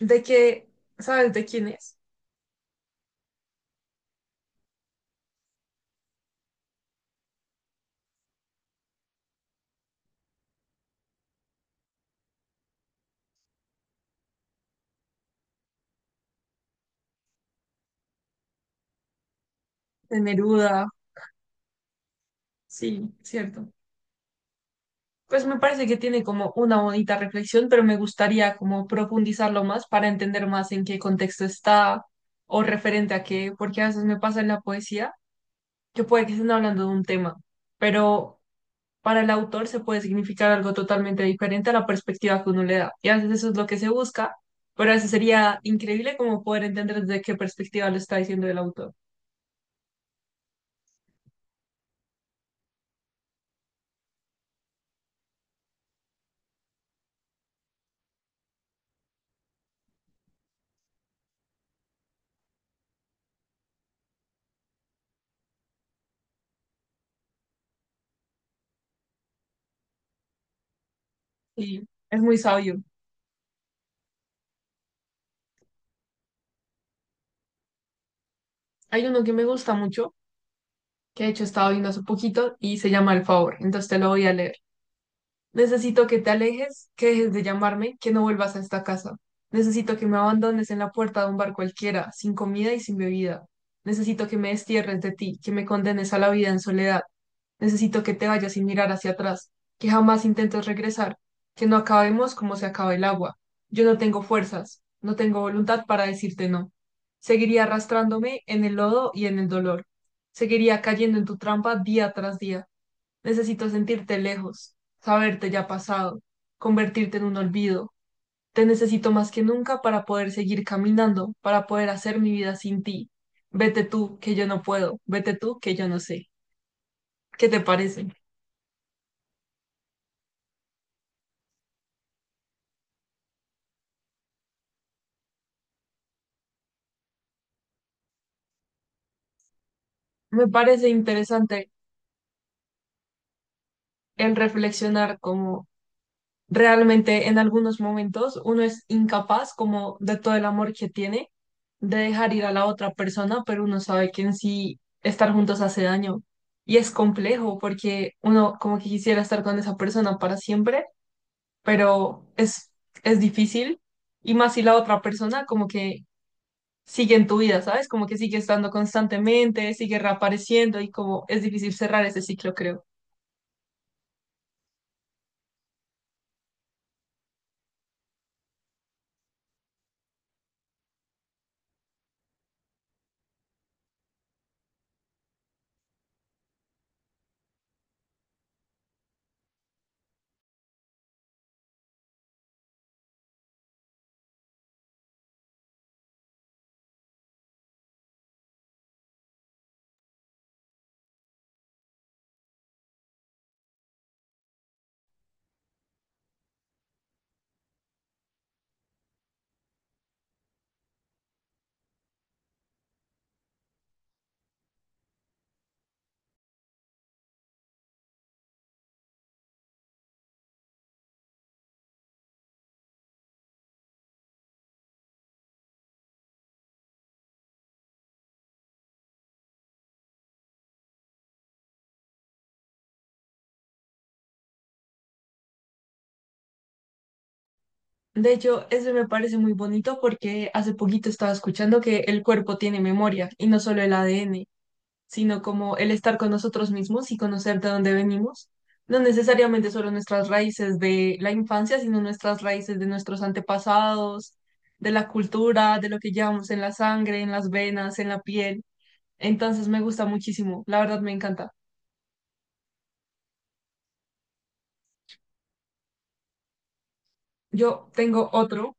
De que, ¿sabes de quién es? De Neruda, sí, cierto. Pues me parece que tiene como una bonita reflexión, pero me gustaría como profundizarlo más para entender más en qué contexto está o referente a qué, porque a veces me pasa en la poesía que puede que estén hablando de un tema, pero para el autor se puede significar algo totalmente diferente a la perspectiva que uno le da. Y a veces eso es lo que se busca, pero a veces sería increíble como poder entender desde qué perspectiva lo está diciendo el autor. Y es muy sabio. Hay uno que me gusta mucho, que de hecho estaba viendo hace poquito y se llama El Favor, entonces te lo voy a leer. Necesito que te alejes, que dejes de llamarme, que no vuelvas a esta casa. Necesito que me abandones en la puerta de un bar cualquiera, sin comida y sin bebida. Necesito que me destierres de ti, que me condenes a la vida en soledad. Necesito que te vayas sin mirar hacia atrás, que jamás intentes regresar, que no acabemos como se acaba el agua. Yo no tengo fuerzas, no tengo voluntad para decirte no. Seguiría arrastrándome en el lodo y en el dolor. Seguiría cayendo en tu trampa día tras día. Necesito sentirte lejos, saberte ya pasado, convertirte en un olvido. Te necesito más que nunca para poder seguir caminando, para poder hacer mi vida sin ti. Vete tú, que yo no puedo, vete tú, que yo no sé. ¿Qué te parece? Me parece interesante el reflexionar como realmente en algunos momentos uno es incapaz como de todo el amor que tiene de dejar ir a la otra persona, pero uno sabe que en sí estar juntos hace daño. Y es complejo porque uno como que quisiera estar con esa persona para siempre, pero es difícil. Y más si la otra persona como que sigue en tu vida, ¿sabes? Como que sigue estando constantemente, sigue reapareciendo y como es difícil cerrar ese ciclo, creo. De hecho, eso me parece muy bonito porque hace poquito estaba escuchando que el cuerpo tiene memoria y no solo el ADN, sino como el estar con nosotros mismos y conocer de dónde venimos. No necesariamente solo nuestras raíces de la infancia, sino nuestras raíces de nuestros antepasados, de la cultura, de lo que llevamos en la sangre, en las venas, en la piel. Entonces me gusta muchísimo, la verdad me encanta. Yo tengo otro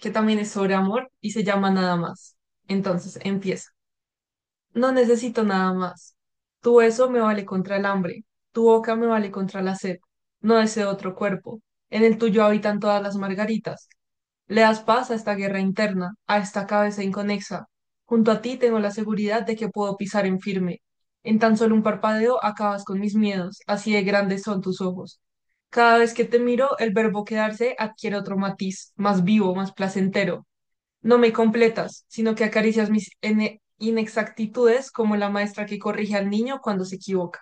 que también es sobre amor y se llama Nada más. Entonces, empiezo. No necesito nada más. Tu beso me vale contra el hambre, tu boca me vale contra la sed. No deseo otro cuerpo. En el tuyo habitan todas las margaritas. Le das paz a esta guerra interna, a esta cabeza inconexa. Junto a ti tengo la seguridad de que puedo pisar en firme. En tan solo un parpadeo acabas con mis miedos, así de grandes son tus ojos. Cada vez que te miro, el verbo quedarse adquiere otro matiz, más vivo, más placentero. No me completas, sino que acaricias mis inexactitudes como la maestra que corrige al niño cuando se equivoca.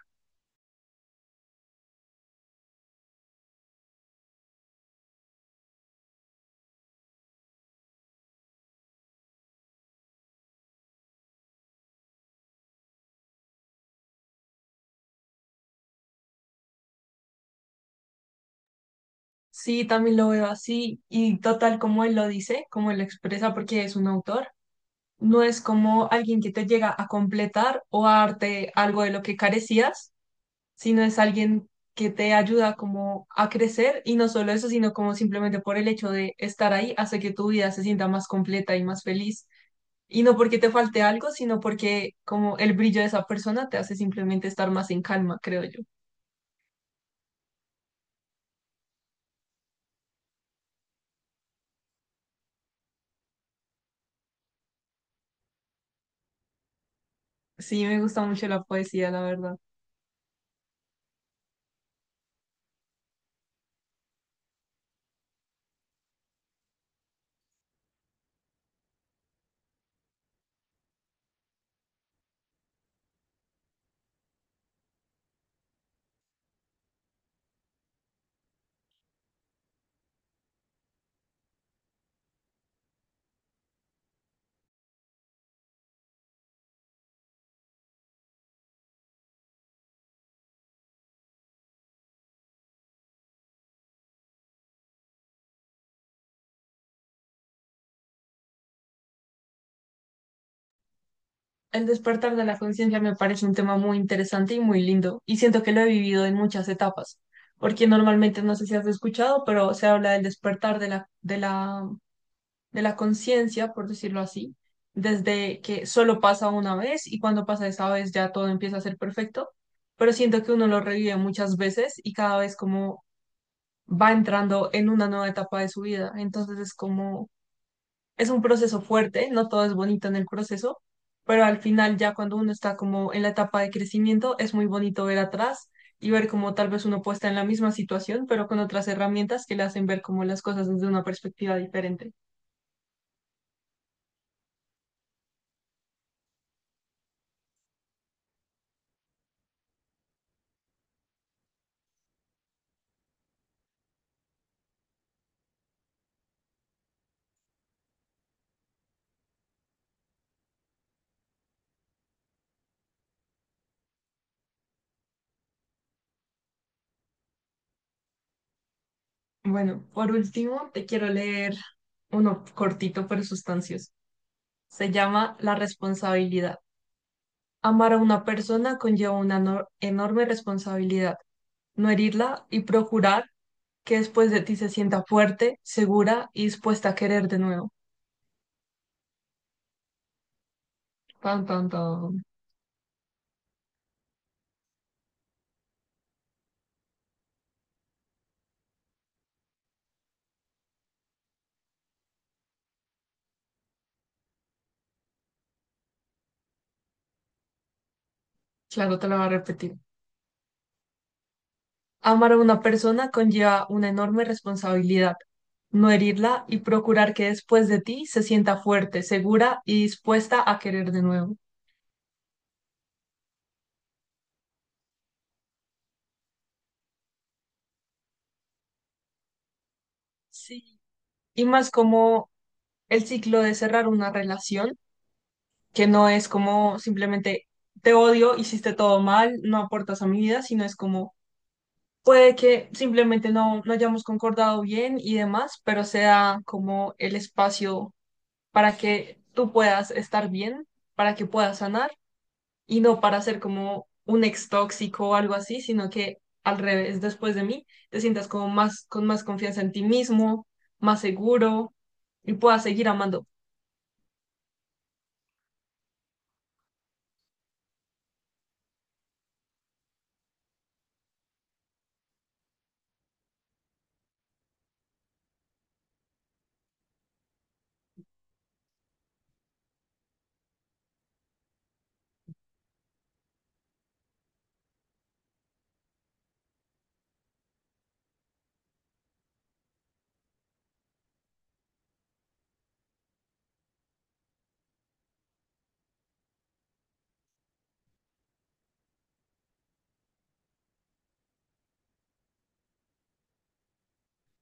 Sí, también lo veo así y total como él lo dice, como él lo expresa porque es un autor, no es como alguien que te llega a completar o a darte algo de lo que carecías, sino es alguien que te ayuda como a crecer y no solo eso, sino como simplemente por el hecho de estar ahí hace que tu vida se sienta más completa y más feliz. Y no porque te falte algo, sino porque como el brillo de esa persona te hace simplemente estar más en calma, creo yo. Sí, me gusta mucho la poesía, la verdad. El despertar de la conciencia me parece un tema muy interesante y muy lindo, y siento que lo he vivido en muchas etapas, porque normalmente no sé si has escuchado, pero se habla del despertar de de la conciencia, por decirlo así, desde que solo pasa una vez y cuando pasa esa vez ya todo empieza a ser perfecto, pero siento que uno lo revive muchas veces y cada vez como va entrando en una nueva etapa de su vida. Entonces es un proceso fuerte, no todo es bonito en el proceso, pero al final ya cuando uno está como en la etapa de crecimiento, es muy bonito ver atrás y ver cómo tal vez uno puede estar en la misma situación, pero con otras herramientas que le hacen ver como las cosas desde una perspectiva diferente. Bueno, por último, te quiero leer uno cortito pero sustancioso. Se llama La responsabilidad. Amar a una persona conlleva una enorme responsabilidad, no herirla y procurar que después de ti se sienta fuerte, segura y dispuesta a querer de nuevo. Tan, tan, tan. Claro, te lo voy a repetir. Amar a una persona conlleva una enorme responsabilidad. No herirla y procurar que después de ti se sienta fuerte, segura y dispuesta a querer de nuevo. Sí. Y más como el ciclo de cerrar una relación, que no es como simplemente te odio, hiciste todo mal, no aportas a mi vida, sino es como puede que simplemente no lo hayamos concordado bien y demás, pero sea como el espacio para que tú puedas estar bien, para que puedas sanar y no para ser como un ex tóxico o algo así, sino que al revés, después de mí, te sientas como más con más confianza en ti mismo, más seguro y puedas seguir amando.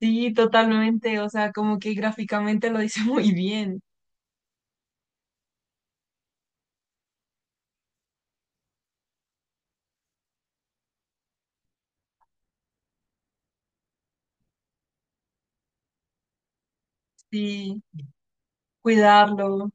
Sí, totalmente, o sea, como que gráficamente lo dice muy bien. Sí, cuidarlo,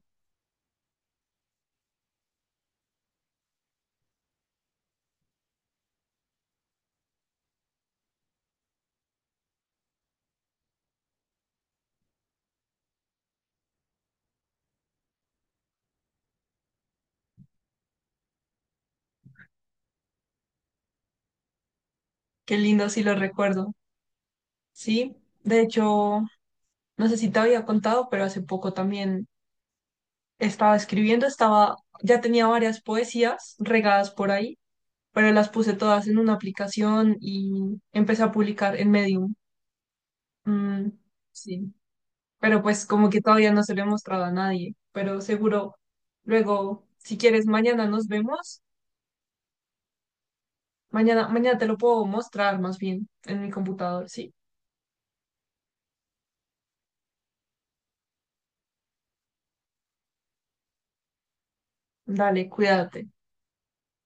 qué lindo, sí lo recuerdo. Sí, de hecho. No sé si te había contado, pero hace poco también estaba escribiendo, estaba, ya tenía varias poesías regadas por ahí, pero las puse todas en una aplicación y empecé a publicar en Medium. Mm, sí, pero pues como que todavía no se lo he mostrado a nadie, pero seguro luego, si quieres, mañana nos vemos. Mañana te lo puedo mostrar más bien en mi computador, sí. Dale, cuídate.